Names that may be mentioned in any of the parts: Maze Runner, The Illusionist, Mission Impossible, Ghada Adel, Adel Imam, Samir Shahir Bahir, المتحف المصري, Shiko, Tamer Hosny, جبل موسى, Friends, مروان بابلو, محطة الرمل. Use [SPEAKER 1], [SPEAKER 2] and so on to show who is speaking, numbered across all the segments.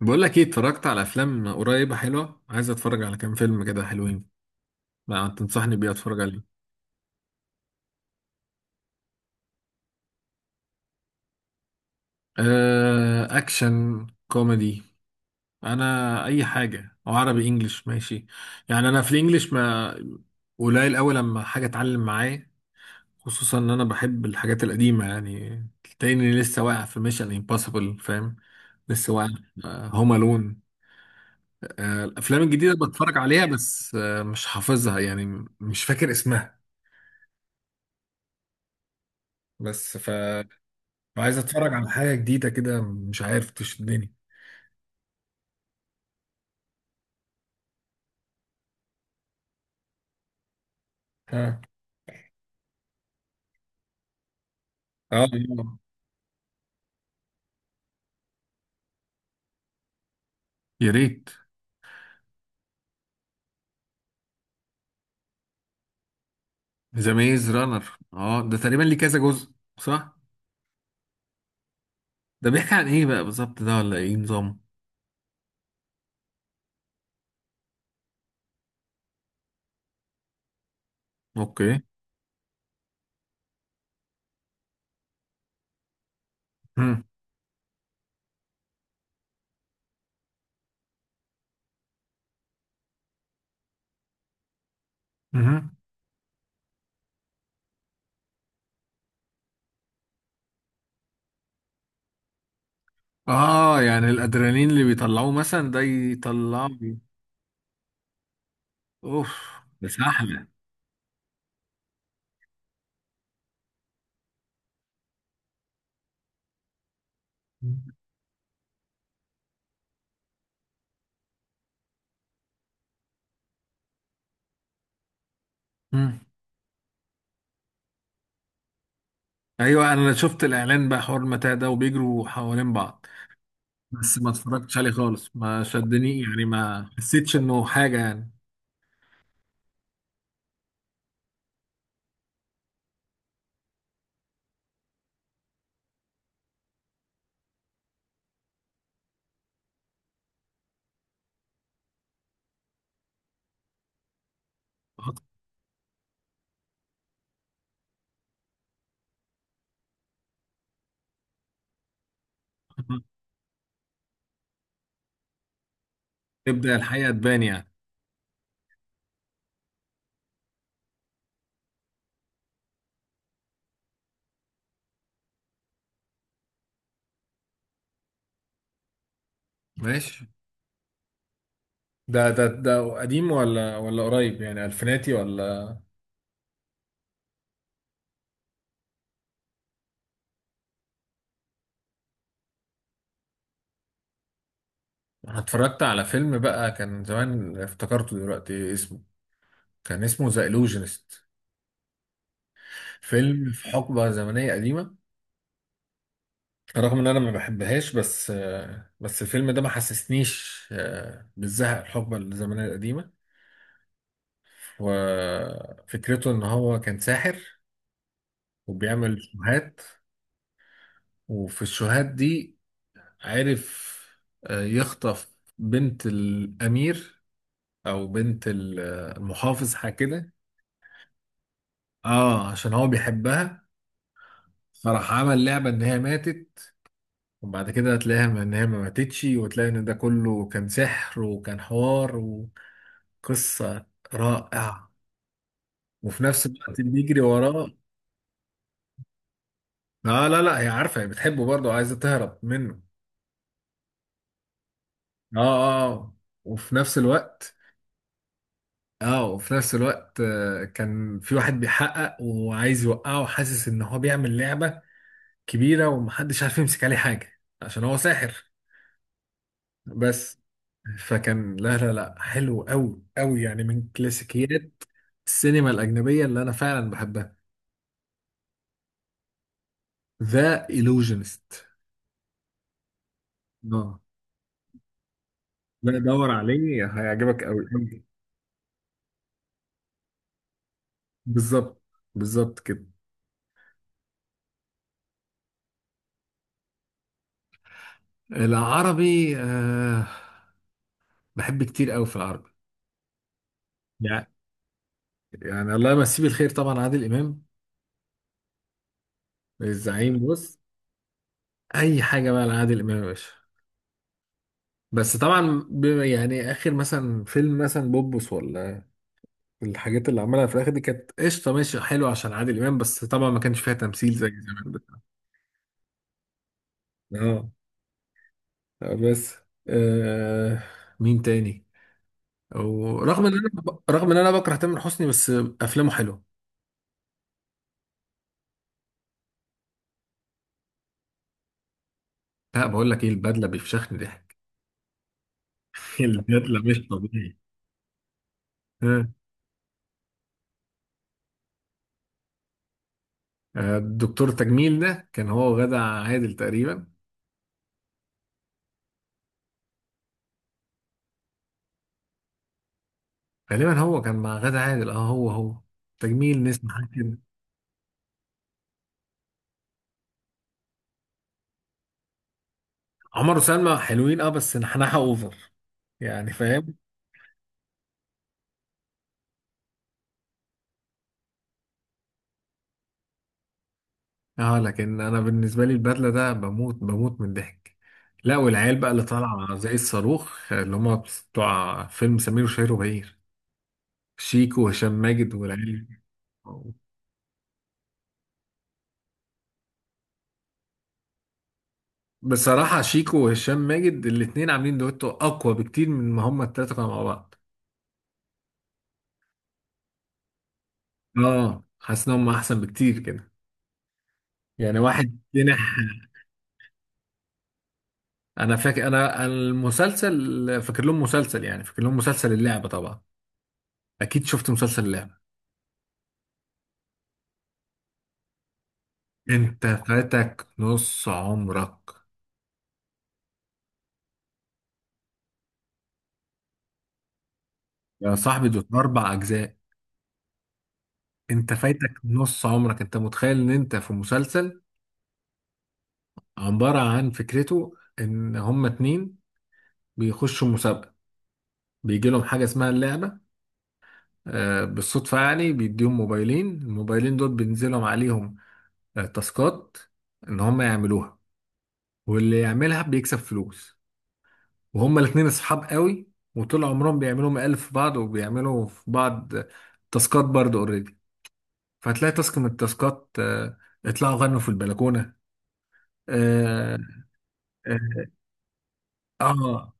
[SPEAKER 1] بقول لك ايه، اتفرجت على افلام قريبه حلوه. عايز اتفرج على كام فيلم كده حلوين. ما تنصحني بيه اتفرج عليه؟ آه، اكشن كوميدي. انا اي حاجه، او عربي انجليش ماشي. يعني انا في الانجليش ما قليل قوي، لما حاجه اتعلم معايا. خصوصا ان انا بحب الحاجات القديمه، يعني تلاقيني لسه واقع في ميشن امبوسيبل، فاهم؟ لسه واقع. هوم الون. الافلام الجديده بتفرج عليها، بس مش حافظها، يعني مش فاكر اسمها. بس. عايز اتفرج على حاجه جديده كده، مش عارف تشدني. ها. اه، آه. يا ريت. ذا ميز رانر، اه، ده تقريبا ليه كذا جزء، صح؟ ده بيحكي عن ايه بقى بالظبط؟ ده ولا ايه نظام؟ اوكي. مم. مهم. اه، يعني الادرينالين اللي بيطلعوه مثلا ده يطلعه. اوف. ده سحله. مم. ايوه، انا شفت الاعلان بقى حوار المتاع ده، وبيجروا حوالين بعض. بس ما اتفرجتش عليه خالص، ما شدني، يعني ما حسيتش انه حاجه. يعني تبدأ الحقيقة تبان، يعني. ماشي. ده قديم ولا قريب، يعني ألفيناتي، ولا؟ أنا اتفرجت على فيلم بقى كان زمان، افتكرته دلوقتي، اسمه كان اسمه ذا إلوجينست. فيلم في حقبة زمنية قديمة. رغم إن أنا ما بحبهاش، بس الفيلم ده ما حسسنيش بالزهق الحقبة الزمنية القديمة. وفكرته إن هو كان ساحر، وبيعمل شوهات. وفي الشوهات دي عرف يخطف بنت الأمير، أو بنت المحافظ، حاجة كده. اه، عشان هو بيحبها. فراح عمل لعبة إن هي ماتت، وبعد كده هتلاقيها إن هي ما ماتتش، وتلاقي إن ده كله كان سحر وكان حوار، وقصة رائعة. وفي نفس الوقت بيجري وراه. اه، لا، لا، هي عارفة، هي بتحبه برضه وعايزة تهرب منه. اه، اه، آه. وفي نفس الوقت كان في واحد بيحقق، وعايز يوقعه، وحاسس ان هو بيعمل لعبة كبيرة ومحدش عارف يمسك عليه حاجة عشان هو ساحر، بس. فكان لا، لا، لا، حلو قوي قوي، يعني من كلاسيكيات السينما الأجنبية اللي أنا فعلا بحبها. ذا إيلوجينست. اه. لا، دور عليه، هيعجبك قوي قوي. بالظبط. بالظبط كده. العربي، آه، بحب كتير قوي في العربي. يعني يعني الله يمسيه بالخير، طبعا عادل إمام. الزعيم، بص. اي حاجه بقى لعادل امام يا باشا. بس طبعا يعني اخر مثلا فيلم مثلا بوبس، ولا الحاجات اللي عملها في الاخر دي، كانت قشطه ماشي حلوه عشان عادل امام، بس طبعا ما كانش فيها تمثيل زي زمان، بس. اه. بس. آه. مين تاني؟ او رغم ان انا بكره تامر حسني، بس افلامه حلوه. لا، بقول لك ايه، البدله بيفشخني ضحك. البدله مش طبيعي. ها؟ الدكتور تجميل ده كان هو وغادة عادل تقريبا. غالبا هو كان مع غادة عادل، اه، هو هو، تجميل نسمة حاجة كده. عمر وسلمى حلوين، اه، بس نحنحة اوفر، يعني، فاهم. اه، لكن انا بالنسبة لي البدلة ده بموت بموت من الضحك. لا، والعيال بقى اللي طالعة زي الصاروخ اللي هم بتوع فيلم سمير وشهير وبهير، شيكو وهشام ماجد والعيال. بصراحة شيكو وهشام ماجد الاتنين عاملين دويتو أقوى بكتير من ما هما التلاتة كانوا مع بعض. اه، حاسس إن هما أحسن بكتير كده، يعني واحد جنح. انا فاكر انا المسلسل فاكر لهم مسلسل، يعني فاكر لهم مسلسل اللعبة طبعا. اكيد شفت مسلسل اللعبة. انت فاتك نص عمرك. يا صاحبي، دول 4 اجزاء. انت فايتك نص عمرك. انت متخيل ان انت في مسلسل عبارة عن، فكرته ان هما اتنين بيخشوا مسابقة، بيجي لهم حاجة اسمها اللعبة. بالصدفة، يعني بيديهم موبايلين، الموبايلين دول بينزلهم عليهم تاسكات ان هما يعملوها، واللي يعملها بيكسب فلوس. وهما الاتنين اصحاب قوي، وطول عمرهم بيعملوا مقالب في بعض، وبيعملوا في بعض تاسكات برضه اوريدي. فهتلاقي تاسك من التاسكات، اطلعوا غنوا في البلكونة. اه. اه، آه،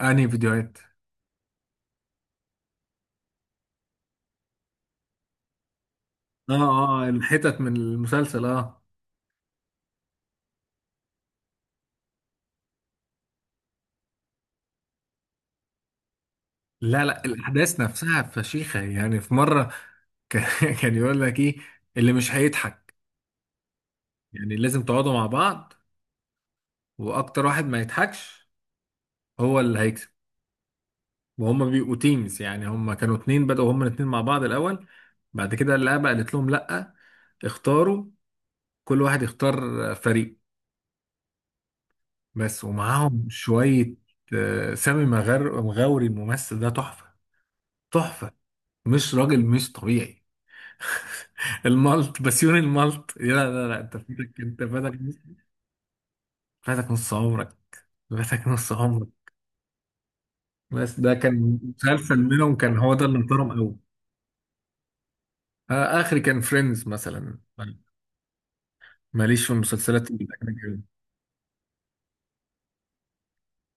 [SPEAKER 1] انهي فيديوهات؟ اه، اه، آه، الحتت من المسلسل، اه. لا، لا، الاحداث نفسها فشيخة، يعني في مرة كان. كان يقول لك ايه، اللي مش هيضحك، يعني لازم تقعدوا مع بعض، واكتر واحد ما يضحكش هو اللي هيكسب. وهم بيبقوا تيمز، يعني هم كانوا اتنين بدأوا هم الاتنين مع بعض الأول، بعد كده اللعبة قالت لهم لأ، اختاروا، كل واحد يختار فريق، بس. ومعاهم شوية سامي مغاوري. الممثل ده تحفة، تحفة، مش راجل، مش طبيعي. المالت بسيون المالت، لا، لا، لا، انت فاتك، فاتك نص عمرك، فاتك نص عمرك. بس ده كان مسلسل منهم، كان هو ده اللي محترم قوي. اخري كان فريندز مثلا. ماليش في المسلسلات الأجنبية،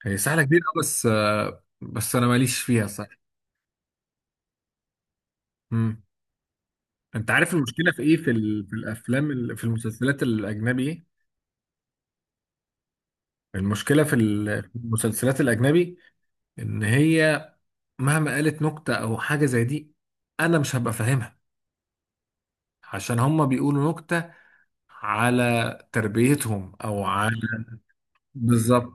[SPEAKER 1] هي سهلة كبيرة، بس أنا ماليش فيها، صح. مم. أنت عارف المشكلة في إيه؟ في, ال... في الأفلام ال... في المسلسلات الأجنبي إيه؟ المشكلة في في المسلسلات الأجنبي إن هي مهما قالت نكتة أو حاجة زي دي، أنا مش هبقى فاهمها، عشان هما بيقولوا نكتة على تربيتهم، أو على. بالظبط.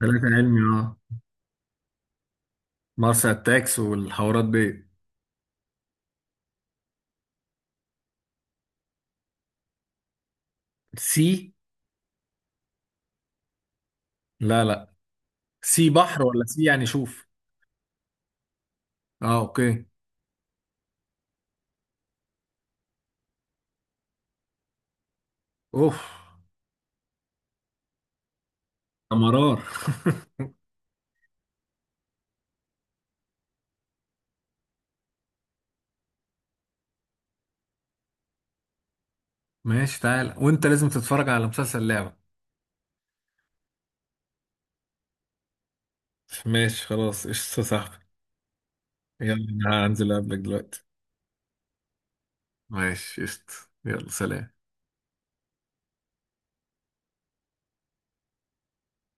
[SPEAKER 1] ثلاثة علمي، أه، مارس أتاكس والحوارات دي. سي؟ لا، لا. سي بحر ولا سي يعني شوف؟ اه، اوكي. اوف. ده مرار. ماشي، تعالى، وانت لازم تتفرج على مسلسل لعبة. ماشي خلاص، قشطة يا صاحبي. يلا، انا هنزل اقابلك دلوقتي. ماشي قشطة. يلا، سلام.